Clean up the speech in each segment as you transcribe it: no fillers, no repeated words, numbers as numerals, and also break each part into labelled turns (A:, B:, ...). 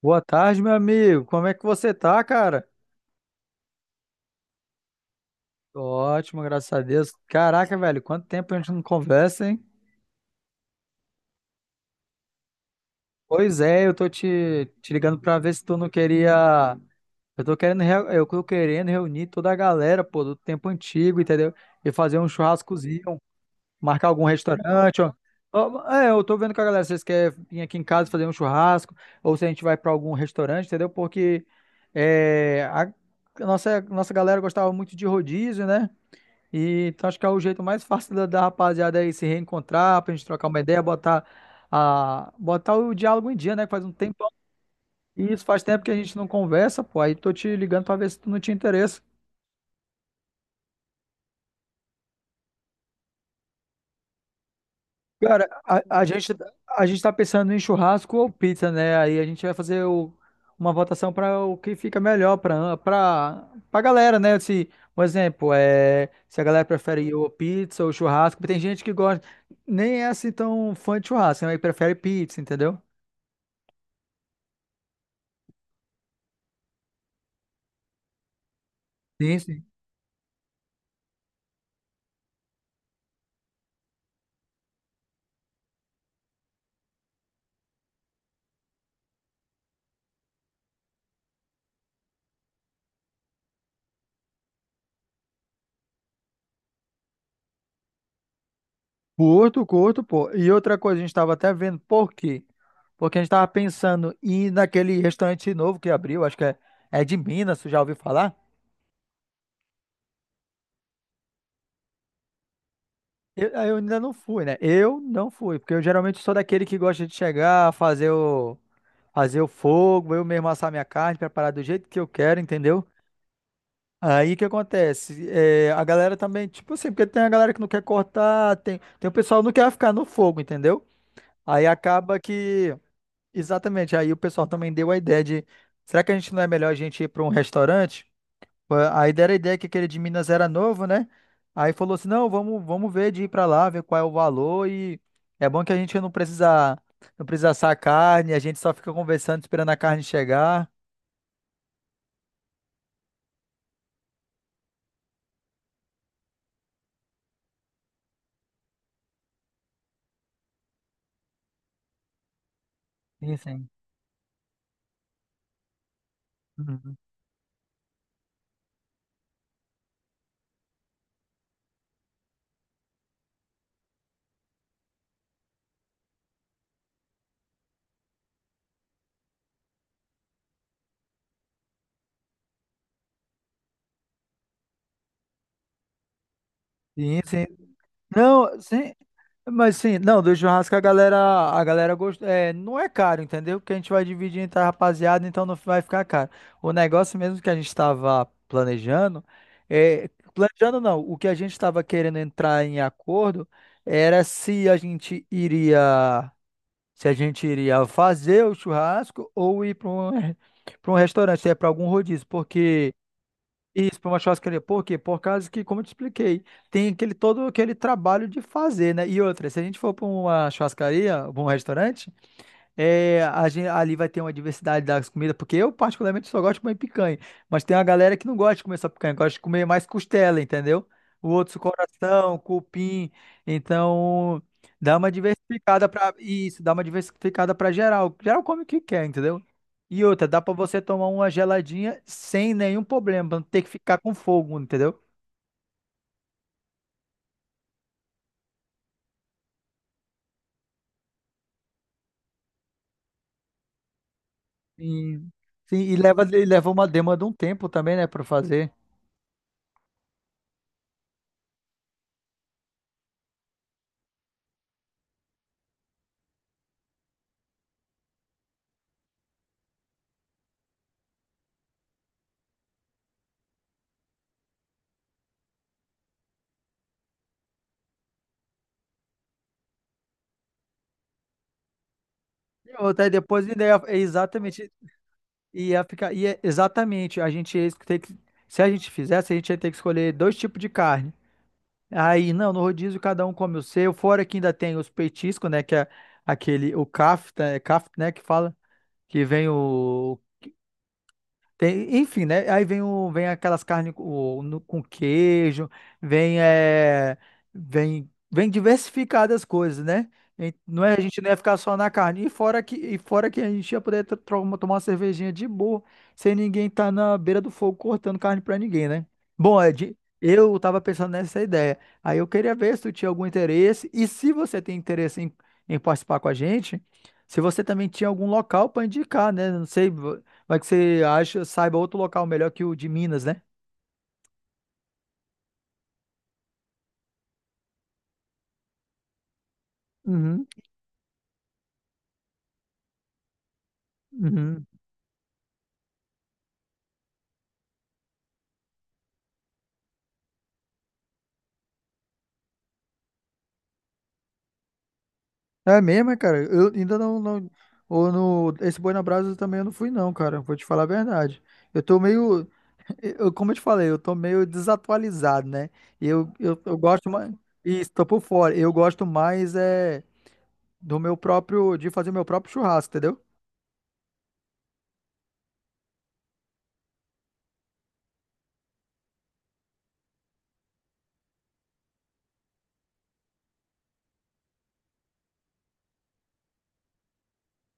A: Boa tarde, meu amigo. Como é que você tá, cara? Tô ótimo, graças a Deus. Caraca, velho, quanto tempo a gente não conversa, hein? Pois é, eu tô te ligando pra ver se tu não queria. Eu tô querendo reunir toda a galera, pô, do tempo antigo, entendeu? E fazer um churrascozinho, marcar algum restaurante. Ó. Ó, é, eu tô vendo com a galera, vocês querem vir aqui em casa fazer um churrasco, ou se a gente vai pra algum restaurante, entendeu? Porque é, a nossa galera gostava muito de rodízio, né? E então acho que é o jeito mais fácil da rapaziada aí se reencontrar, pra gente trocar uma ideia, botar o diálogo em dia, né? Que faz um tempo. E isso faz tempo que a gente não conversa, pô. Aí tô te ligando pra ver se tu não tinha interesse. Cara, a gente tá pensando em churrasco ou pizza, né? Aí a gente vai fazer o- Uma votação para o que fica melhor pra para para galera, né? Se, por exemplo, se a galera prefere ou pizza ou churrasco, porque tem gente que gosta nem é assim tão fã de churrasco, né? Mas prefere pizza, entendeu? Sim, sim. Curto, curto, pô. E outra coisa, a gente estava até vendo por quê? Porque a gente estava pensando em ir naquele restaurante novo que abriu, acho que é, é de Minas, tu já ouviu falar? Eu ainda não fui, né? Eu não fui, porque eu geralmente sou daquele que gosta de chegar, fazer o fogo, eu mesmo assar minha carne, preparar do jeito que eu quero, entendeu? Aí o que acontece? É, a galera também, tipo assim, porque tem a galera que não quer cortar, tem o pessoal que não quer ficar no fogo, entendeu? Aí acaba que. Exatamente. Aí o pessoal também deu a ideia de, será que a gente não é melhor a gente ir para um restaurante? A Aí deram a ideia que aquele de Minas era novo, né? Aí falou assim, não, vamos ver de ir para lá, ver qual é o valor e é bom que a gente não precisa assar a carne, a gente só fica conversando esperando a carne chegar. Sim, sim. Uhum. Sim, sim. Não, sim, mas sim, não, do churrasco a galera gosta, é, não é caro, entendeu? Porque a gente vai dividir entre a rapaziada, então não vai ficar caro. O negócio mesmo que a gente estava planejando, é, planejando não, o que a gente estava querendo entrar em acordo era se a gente iria fazer o churrasco ou ir para um, para um restaurante, se é para algum rodízio, porque isso, para uma churrascaria. Por quê? Por causa que, como eu te expliquei, tem aquele todo aquele trabalho de fazer, né? E outra, se a gente for para uma churrascaria, pra um restaurante, ali vai ter uma diversidade das comidas, porque eu particularmente só gosto de comer picanha, mas tem uma galera que não gosta de comer só picanha, gosta de comer mais costela, entendeu? O outro coração, cupim, então dá uma diversificada para isso, dá uma diversificada para geral. Geral come o que quer, entendeu? E outra, dá para você tomar uma geladinha sem nenhum problema, pra não ter que ficar com fogo, entendeu? E, sim, e leva uma demanda um tempo também, né, para fazer. E outra, aí depois ainda é- é exatamente. Exatamente, a gente ia ter que, se a gente fizesse, a gente ia ter que escolher dois tipos de carne. Aí, não, no rodízio cada um come o seu, fora que ainda tem os petiscos, né, que é aquele, o kafta, né, que fala, que vem o, tem, enfim, né? Vem aquelas carnes com, com queijo, vem, é, vem diversificadas as coisas, né? A gente não ia ficar só na carne. E fora que a gente ia poder tomar uma cervejinha de boa, sem ninguém estar na beira do fogo cortando carne pra ninguém, né? Bom, Ed, eu tava pensando nessa ideia. Aí eu queria ver se tu tinha algum interesse. E se você tem interesse em, em participar com a gente, se você também tinha algum local para indicar, né? Não sei. Vai que você acha, saiba outro local melhor que o de Minas, né? Uhum, uhum. É mesmo, é, cara. Eu ainda não, não. Ou no. Esse Boi na Brasa também eu não fui, não, cara. Vou te falar a verdade. Eu tô meio. Eu, como eu te falei, eu tô meio desatualizado, né? Eu gosto mais. Isso, tô por fora. Eu gosto mais é, do meu próprio. De fazer meu próprio churrasco, entendeu?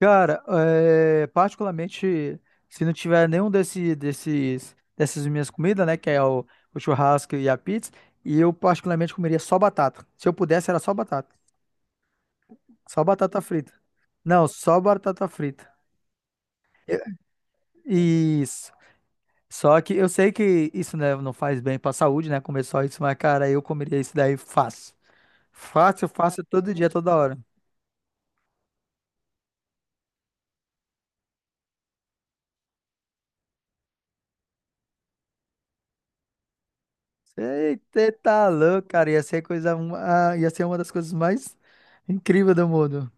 A: Cara, é, particularmente, se não tiver dessas minhas comidas, né, que é o churrasco e a pizza, e eu particularmente comeria só batata. Se eu pudesse, era só batata. Só batata frita. Não, só batata frita. Eu- isso. Só que eu sei que isso, né, não faz bem pra saúde, né, comer só isso, mas, cara, eu comeria isso daí fácil. Fácil, fácil, todo dia, toda hora. Eita, tá louco, cara. Ia ser uma das coisas mais incríveis do mundo.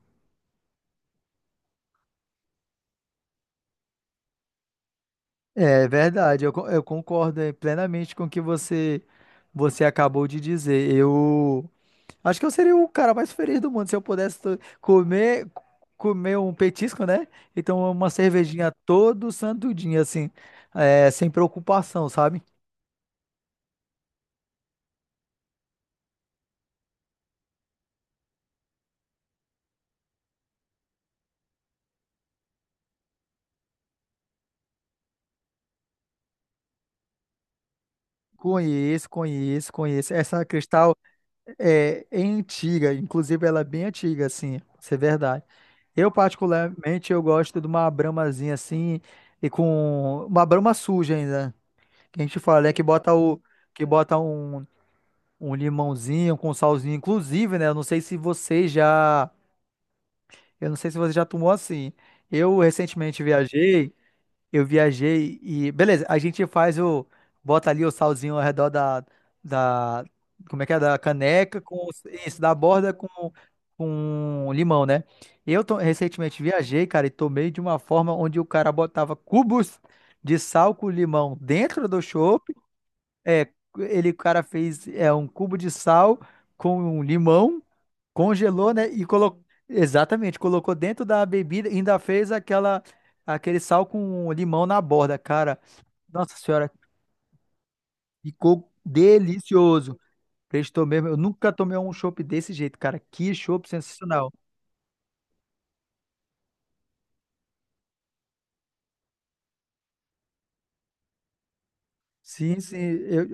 A: É verdade, eu concordo plenamente com o que você acabou de dizer. Eu acho que eu seria o cara mais feliz do mundo se eu pudesse comer um petisco, né? Então, uma cervejinha todo santo dia, assim, sem preocupação, sabe? Conheço. Essa Cristal é, é antiga, inclusive ela é bem antiga, assim, isso é verdade. Eu, particularmente, eu gosto de uma bramazinha assim, e com uma brama suja ainda. Que a gente fala é que bota o que bota um, um limãozinho com salzinho, inclusive, né? Eu não sei se você já tomou assim. Eu recentemente viajei, eu viajei e beleza, a gente faz o bota ali o salzinho ao redor da como é que é da caneca com isso, da borda com limão, né? Recentemente viajei, cara, e tomei de uma forma onde o cara botava cubos de sal com limão dentro do chopp é, o cara fez é, um cubo de sal com um limão, congelou, né? E colocou. Exatamente, colocou dentro da bebida e ainda fez aquele sal com limão na borda, cara. Nossa senhora, ficou delicioso. Prestou mesmo. Eu nunca tomei um chopp desse jeito, cara. Que chopp sensacional. Sim, sim. Eu,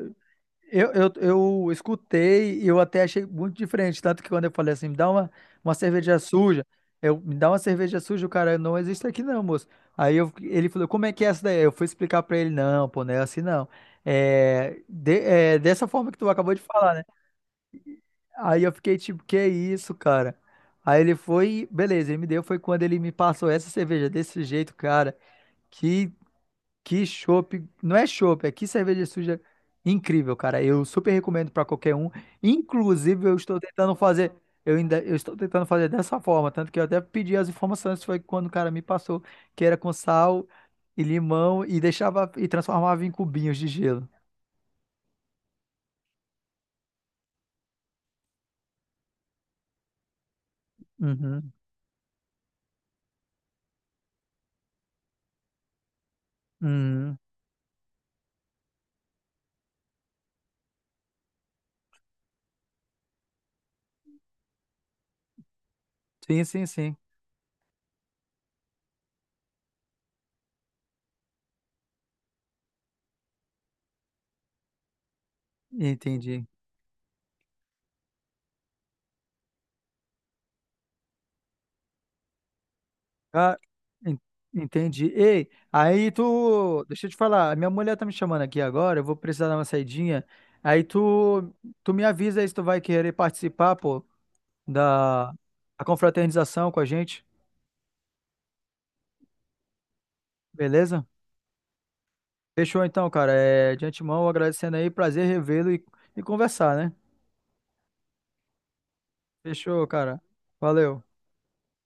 A: Eu, eu, eu escutei e eu até achei muito diferente. Tanto que quando eu falei assim, uma cerveja suja, eu, me dá uma cerveja suja, o cara não existe aqui não, moço. Ele falou, como é que é essa daí? Eu fui explicar pra ele, não, pô, não é assim não. É, é dessa forma que tu acabou de falar, né? Aí eu fiquei tipo, que isso, cara? Aí ele foi, beleza, ele me deu, foi quando ele me passou essa cerveja desse jeito, cara. Que que chopp, não é chopp, é que cerveja suja incrível, cara. Eu super recomendo pra qualquer um. Inclusive, eu estou tentando fazer, eu estou tentando fazer dessa forma, tanto que eu até pedi as informações, foi quando o cara me passou que era com sal e limão e deixava e transformava em cubinhos de gelo. Uhum, uhum. Sim, sim, sim. Entendi. Ah, en- entendi. Ei, aí tu. Deixa eu te falar, a minha mulher tá me chamando aqui agora, eu vou precisar dar uma saidinha. Aí tu, tu me avisa aí se tu vai querer participar, pô, da da confraternização com a gente, beleza? Fechou então, cara. É, de antemão, agradecendo aí, prazer revê-lo e conversar, né? Fechou, cara. Valeu.